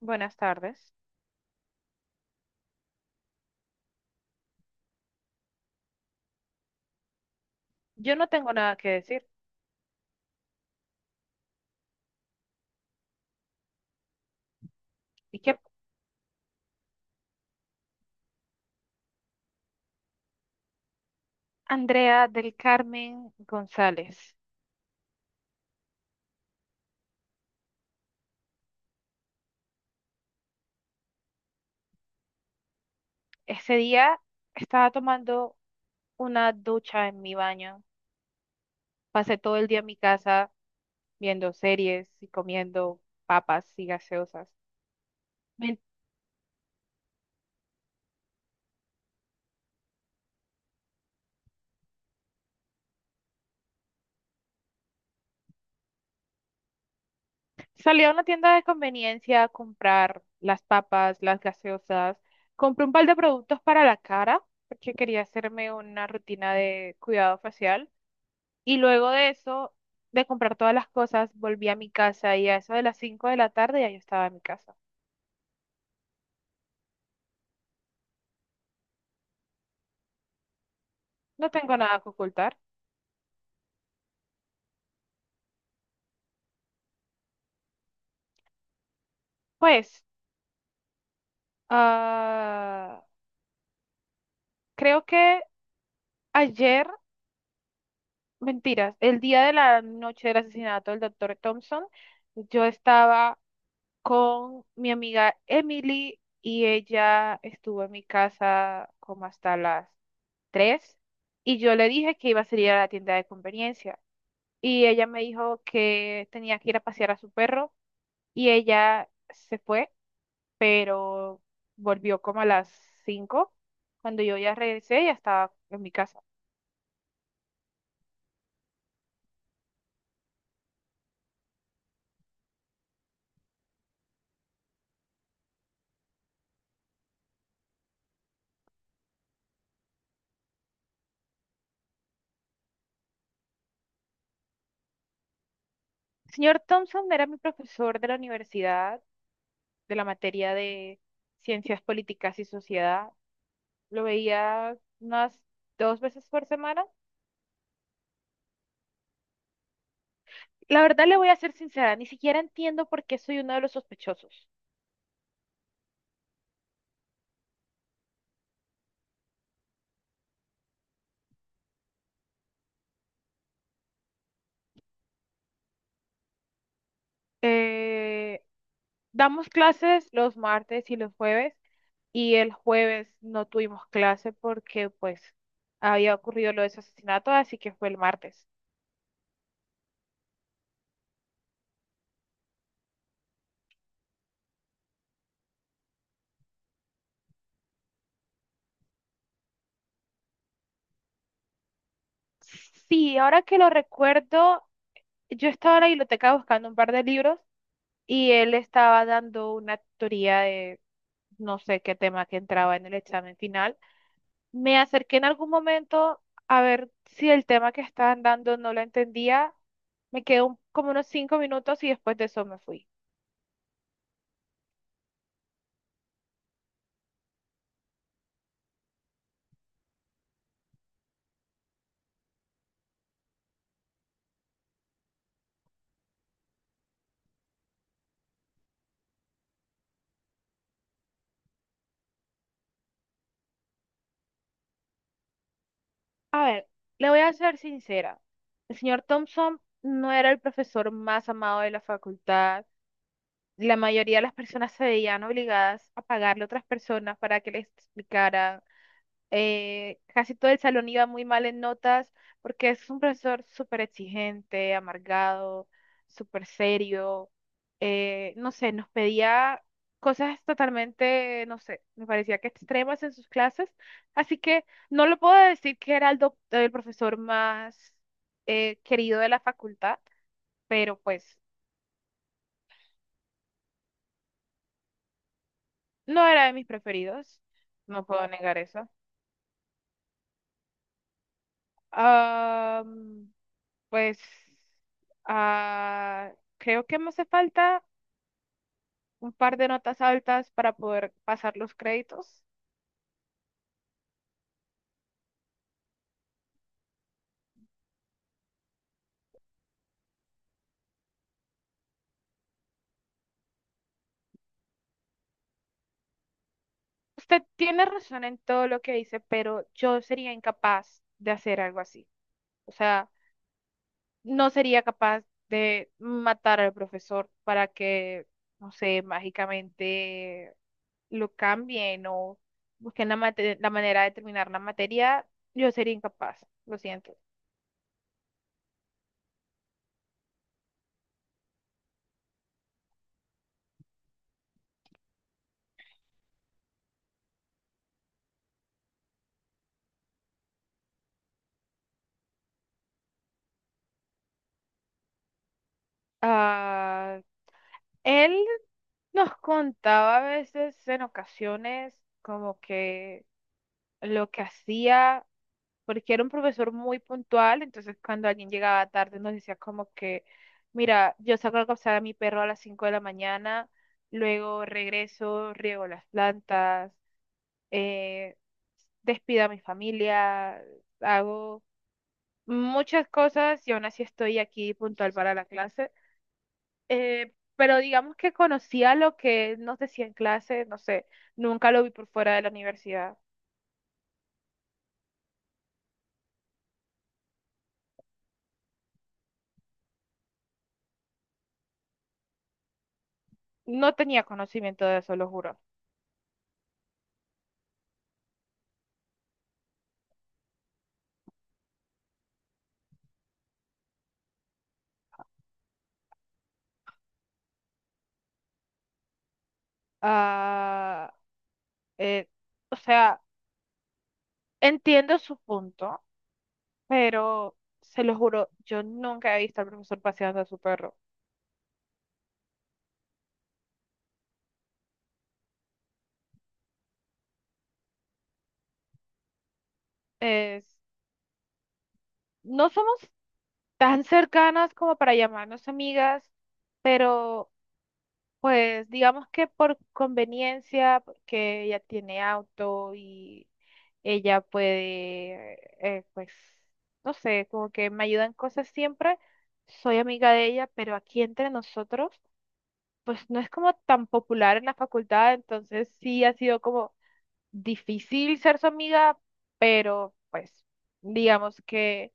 Buenas tardes. Yo no tengo nada que decir. ¿Y qué? Andrea del Carmen González. Ese día estaba tomando una ducha en mi baño. Pasé todo el día en mi casa viendo series y comiendo papas y gaseosas. Me- Salí a una tienda de conveniencia a comprar las papas, las gaseosas. Compré un par de productos para la cara porque quería hacerme una rutina de cuidado facial. Y luego de eso, de comprar todas las cosas, volví a mi casa y a eso de las 5 de la tarde ya yo estaba en mi casa. No tengo nada que ocultar. Pues, ah, creo que ayer, mentiras, el día de la noche del asesinato del doctor Thompson, yo estaba con mi amiga Emily y ella estuvo en mi casa como hasta las 3 y yo le dije que iba a salir a la tienda de conveniencia, y ella me dijo que tenía que ir a pasear a su perro y ella se fue, pero volvió como a las 5. Cuando yo ya regresé, ya estaba en mi casa. El señor Thompson era mi profesor de la universidad, de la materia de ciencias políticas y sociedad. Lo veía unas 2 veces por semana. La verdad le voy a ser sincera, ni siquiera entiendo por qué soy uno de los sospechosos. Eh, damos clases los martes y los jueves, y el jueves no tuvimos clase porque pues había ocurrido lo de ese asesinato, así que fue el martes. Sí, ahora que lo recuerdo, yo estaba en la biblioteca buscando un par de libros y él estaba dando una teoría de no sé qué tema que entraba en el examen final. Me acerqué en algún momento a ver si el tema que estaban dando no lo entendía. Me quedó como unos 5 minutos y después de eso me fui. A ver, le voy a ser sincera. El señor Thompson no era el profesor más amado de la facultad. La mayoría de las personas se veían obligadas a pagarle a otras personas para que les explicara, casi todo el salón iba muy mal en notas porque es un profesor súper exigente, amargado, súper serio. No sé, nos pedía cosas totalmente, no sé, me parecía que extremas en sus clases. Así que no lo puedo decir que era el profesor más querido de la facultad, pero pues no era de mis preferidos. No puedo negar eso. Ah, Pues ah, Creo que me hace falta un par de notas altas para poder pasar los créditos. Usted tiene razón en todo lo que dice, pero yo sería incapaz de hacer algo así. O sea, no sería capaz de matar al profesor para que, no sé, mágicamente lo cambien o busquen la manera de terminar la materia. Yo sería incapaz, lo siento. Ah, Él nos contaba a veces en ocasiones como que lo que hacía, porque era un profesor muy puntual, entonces cuando alguien llegaba tarde nos decía como que, mira, yo saco a cazar a mi perro a las 5 de la mañana, luego regreso, riego las plantas, eh, despido a mi familia, hago muchas cosas y aún así estoy aquí puntual para la clase. Pero digamos que conocía lo que nos decía en clase, no sé, nunca lo vi por fuera de la universidad. No tenía conocimiento de eso, lo juro. Ah, eh, o sea, entiendo su punto, pero se lo juro, yo nunca he visto al profesor paseando a su perro. Es, no somos tan cercanas como para llamarnos amigas, pero pues digamos que por conveniencia, porque ella tiene auto y ella puede, pues, no sé, como que me ayuda en cosas siempre. Soy amiga de ella, pero aquí entre nosotros, pues no es como tan popular en la facultad, entonces sí ha sido como difícil ser su amiga, pero pues digamos que,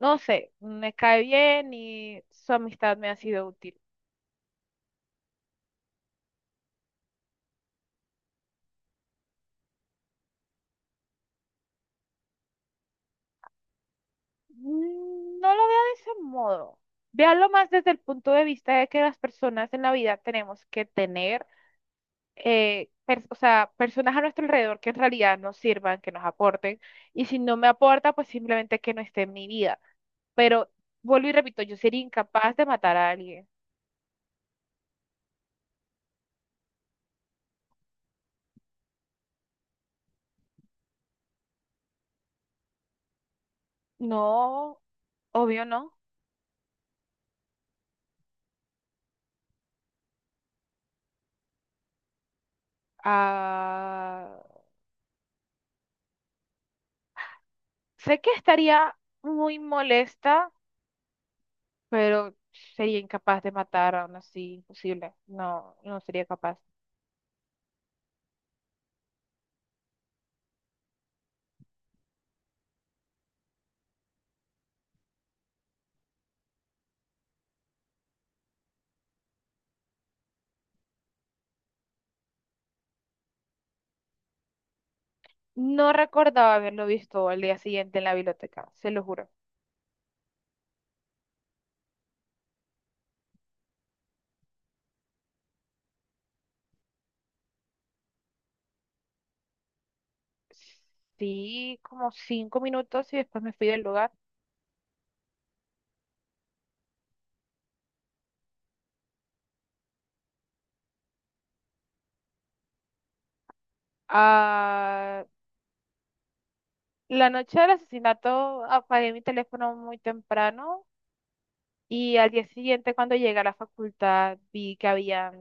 no sé, me cae bien y su amistad me ha sido útil. No lo veo de ese modo. Véalo más desde el punto de vista de que las personas en la vida tenemos que tener, o sea, personas a nuestro alrededor que en realidad nos sirvan, que nos aporten. Y si no me aporta, pues simplemente que no esté en mi vida. Pero vuelvo y repito, yo sería incapaz de matar a alguien. No, obvio no. Ah, Sé que estaría muy molesta, pero sería incapaz de matar aún así, imposible. No, no sería capaz. No recordaba haberlo visto al día siguiente en la biblioteca, se lo juro. Sí, como 5 minutos y después me fui del lugar. Ah, la noche del asesinato apagué mi teléfono muy temprano y al día siguiente cuando llegué a la facultad vi que había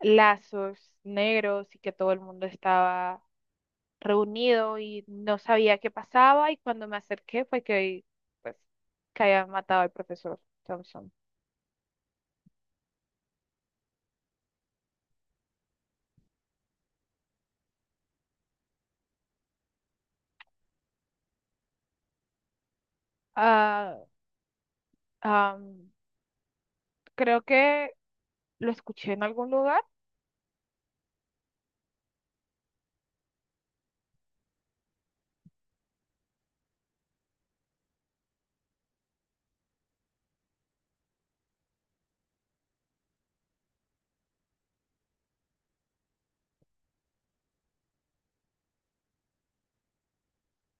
lazos negros y que todo el mundo estaba reunido y no sabía qué pasaba y cuando me acerqué fue que pues que habían matado al profesor Thompson. Ah, am, Creo que lo escuché en algún lugar.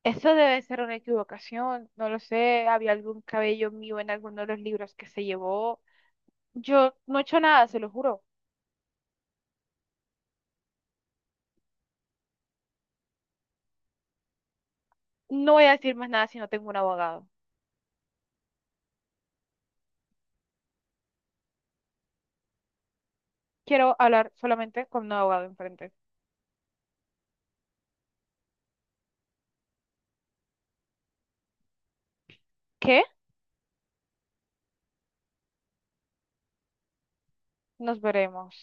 Eso debe ser una equivocación, no lo sé, había algún cabello mío en alguno de los libros que se llevó. Yo no he hecho nada, se lo juro. No voy a decir más nada si no tengo un abogado. Quiero hablar solamente con un abogado enfrente. ¿Qué? Nos veremos.